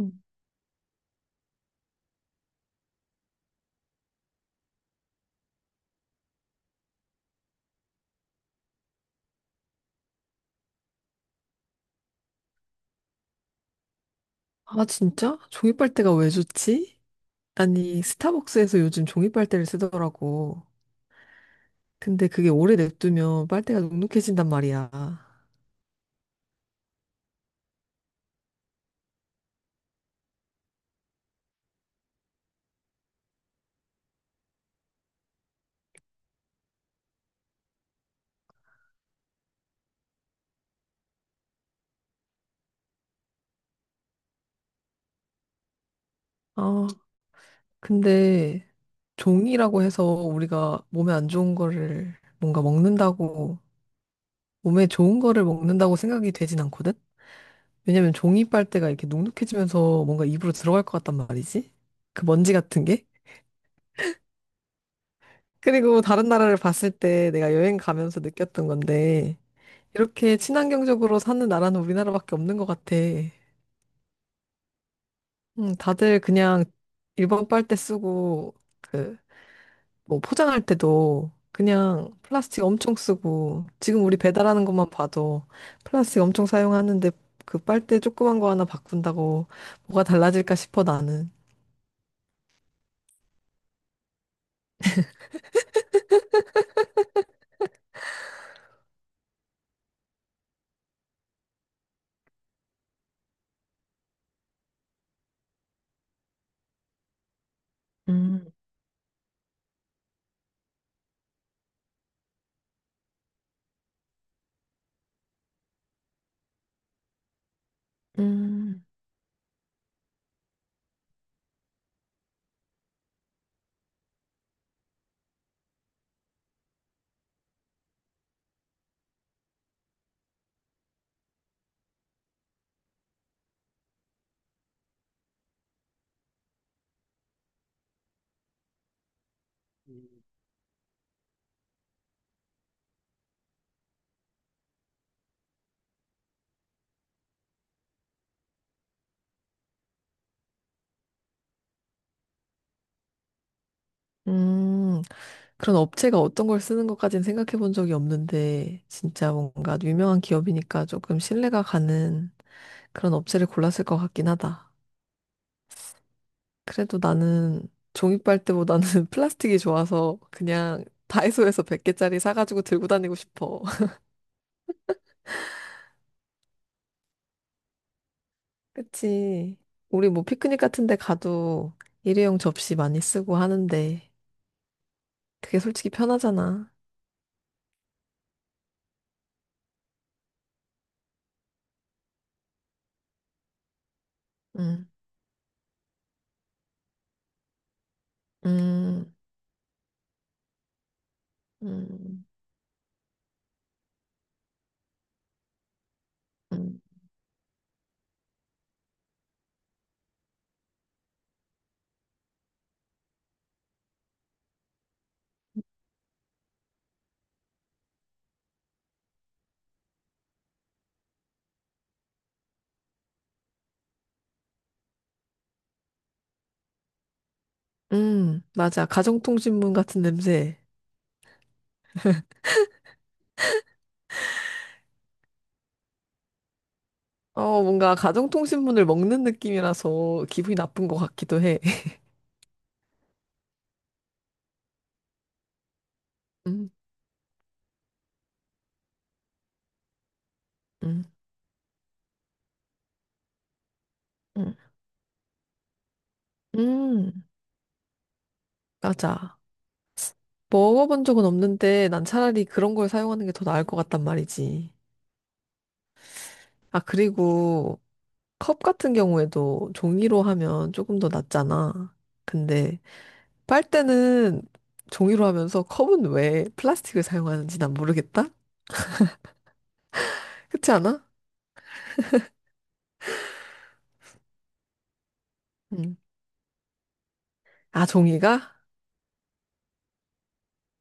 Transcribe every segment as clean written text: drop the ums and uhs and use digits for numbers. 음. 아, 진짜? 종이 빨대가 왜 좋지? 아니, 스타벅스에서 요즘 종이 빨대를 쓰더라고. 근데 그게 오래 냅두면 빨대가 눅눅해진단 말이야. 아, 근데 종이라고 해서 우리가 몸에 안 좋은 거를 뭔가 먹는다고, 몸에 좋은 거를 먹는다고 생각이 되진 않거든? 왜냐면 종이 빨대가 이렇게 눅눅해지면서 뭔가 입으로 들어갈 것 같단 말이지? 그 먼지 같은 게? 그리고 다른 나라를 봤을 때 내가 여행 가면서 느꼈던 건데, 이렇게 친환경적으로 사는 나라는 우리나라밖에 없는 것 같아. 다들 그냥 일반 빨대 쓰고, 그, 뭐 포장할 때도 그냥 플라스틱 엄청 쓰고, 지금 우리 배달하는 것만 봐도 플라스틱 엄청 사용하는데 그 빨대 조그만 거 하나 바꾼다고 뭐가 달라질까 싶어 나는. 음, 음. 음. 그런 업체가 어떤 걸 쓰는 것까지는 생각해 본 적이 없는데, 진짜 뭔가 유명한 기업이니까 조금 신뢰가 가는 그런 업체를 골랐을 것 같긴 하다. 그래도 나는 종이빨대보다는 플라스틱이 좋아서 그냥 다이소에서 100개짜리 사가지고 들고 다니고 싶어. 그치. 우리 뭐 피크닉 같은 데 가도 일회용 접시 많이 쓰고 하는데, 그게 솔직히 편하잖아. 응, 음, 음, 음, 음, 맞아. 가정통신문 같은 냄새. 어, 뭔가 가정통신문을 먹는 느낌이라서 기분이 나쁜 것 같기도 해. 음, 음, 음, 음, 맞아. 먹어본 적은 없는데 난 차라리 그런 걸 사용하는 게 더 나을 것 같단 말이지. 아, 그리고 컵 같은 경우에도 종이로 하면 조금 더 낫잖아. 근데 빨대는 종이로 하면서 컵은 왜 플라스틱을 사용하는지 난 모르겠다? 그렇지 않아? 음. 아, 종이가?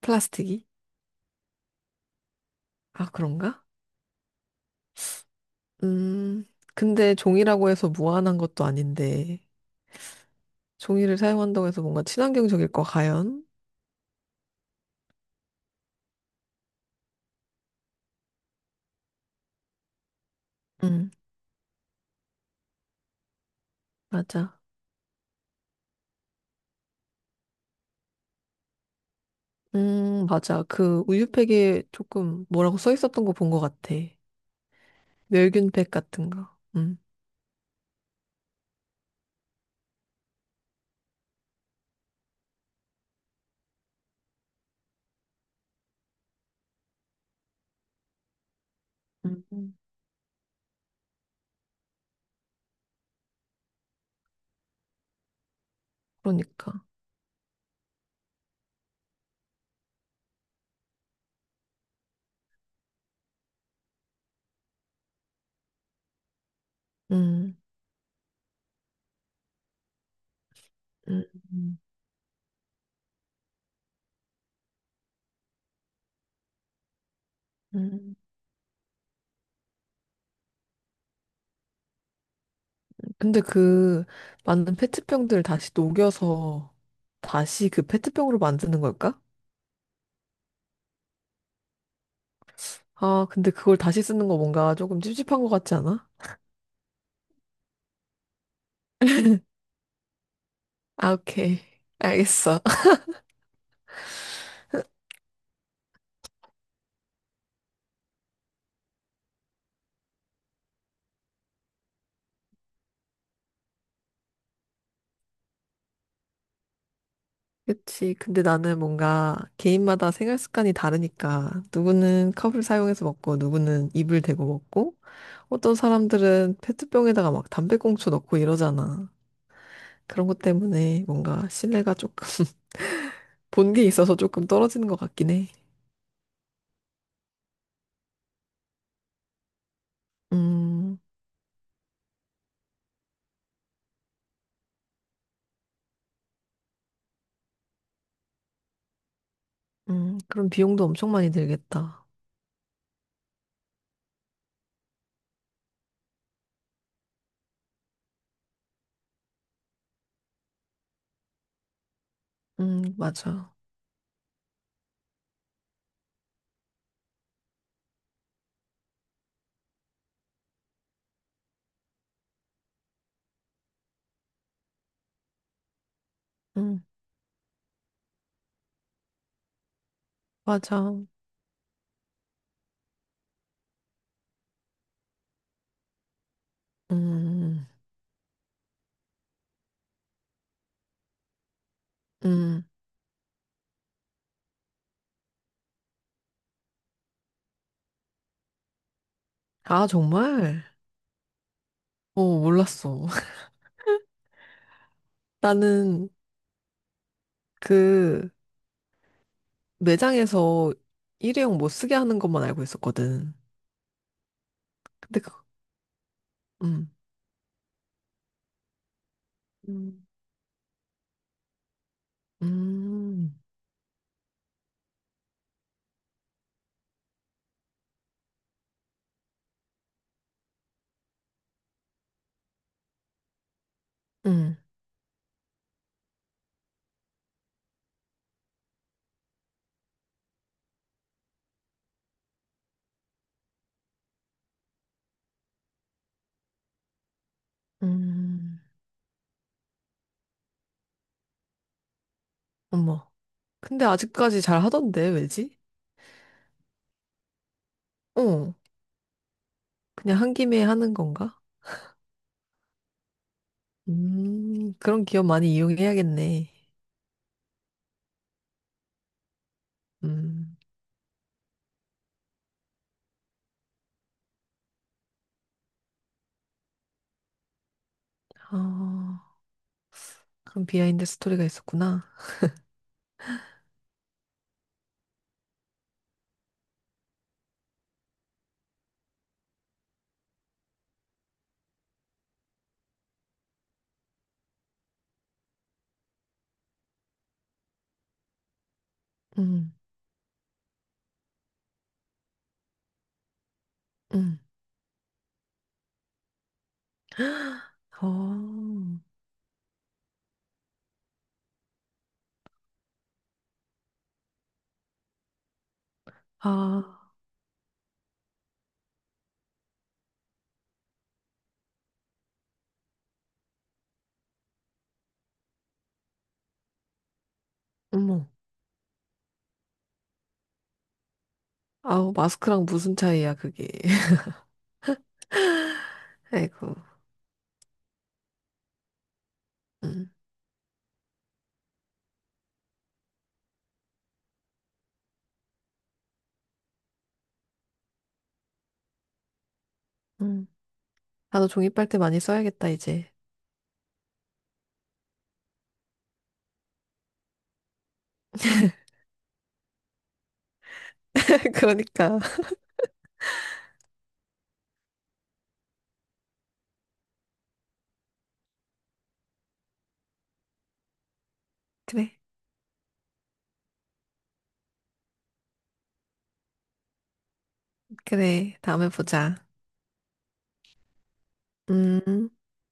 플라스틱이? 아, 그런가? 음, 근데 종이라고 해서 무한한 것도 아닌데, 종이를 사용한다고 해서 뭔가 친환경적일 거 과연? 음, 맞아. 맞아. 그 우유팩에 조금 뭐라고 써 있었던 거 본 것 같아. 멸균팩 같은 거. 음, 음. 그러니까. 음, 음, 음. 음. 근데 그 만든 페트병들 다시 녹여서 다시 그 페트병으로 만드는 걸까? 아, 근데 그걸 다시 쓰는 거 뭔가 조금 찝찝한 것 같지 않아? 아, 오케이. 알겠어. 그치. 근데 나는 뭔가 개인마다 생활 습관이 다르니까 누구는 컵을 사용해서 먹고 누구는 입을 대고 먹고 어떤 사람들은 페트병에다가 막 담배꽁초 넣고 이러잖아. 그런 것 때문에 뭔가 신뢰가 조금 본 게 있어서 조금 떨어지는 것 같긴 해. 음, 그럼 비용도 엄청 많이 들겠다. 맞아. 음, 맞아. 음, 음. 아, 정말? 어, 몰랐어. 나는 그 매장에서 일회용 못 쓰게 하는 것만 알고 있었거든. 근데 그, 음, 음. 음, 음, 음, 어머. 근데 아직까지 잘 하던데, 왜지? 어, 그냥 한 김에 하는 건가? 그런 기업 많이 이용해야겠네. 음, 아, 그런 비하인드 스토리가 있었구나. 음, 음, 어, 아, 어머. 아우, 마스크랑 무슨 차이야, 그게. 아이고, 음, 음. 나도 종이빨대 많이 써야겠다, 이제. 그러니까. 그래, 그래. 다음에 보자. 음.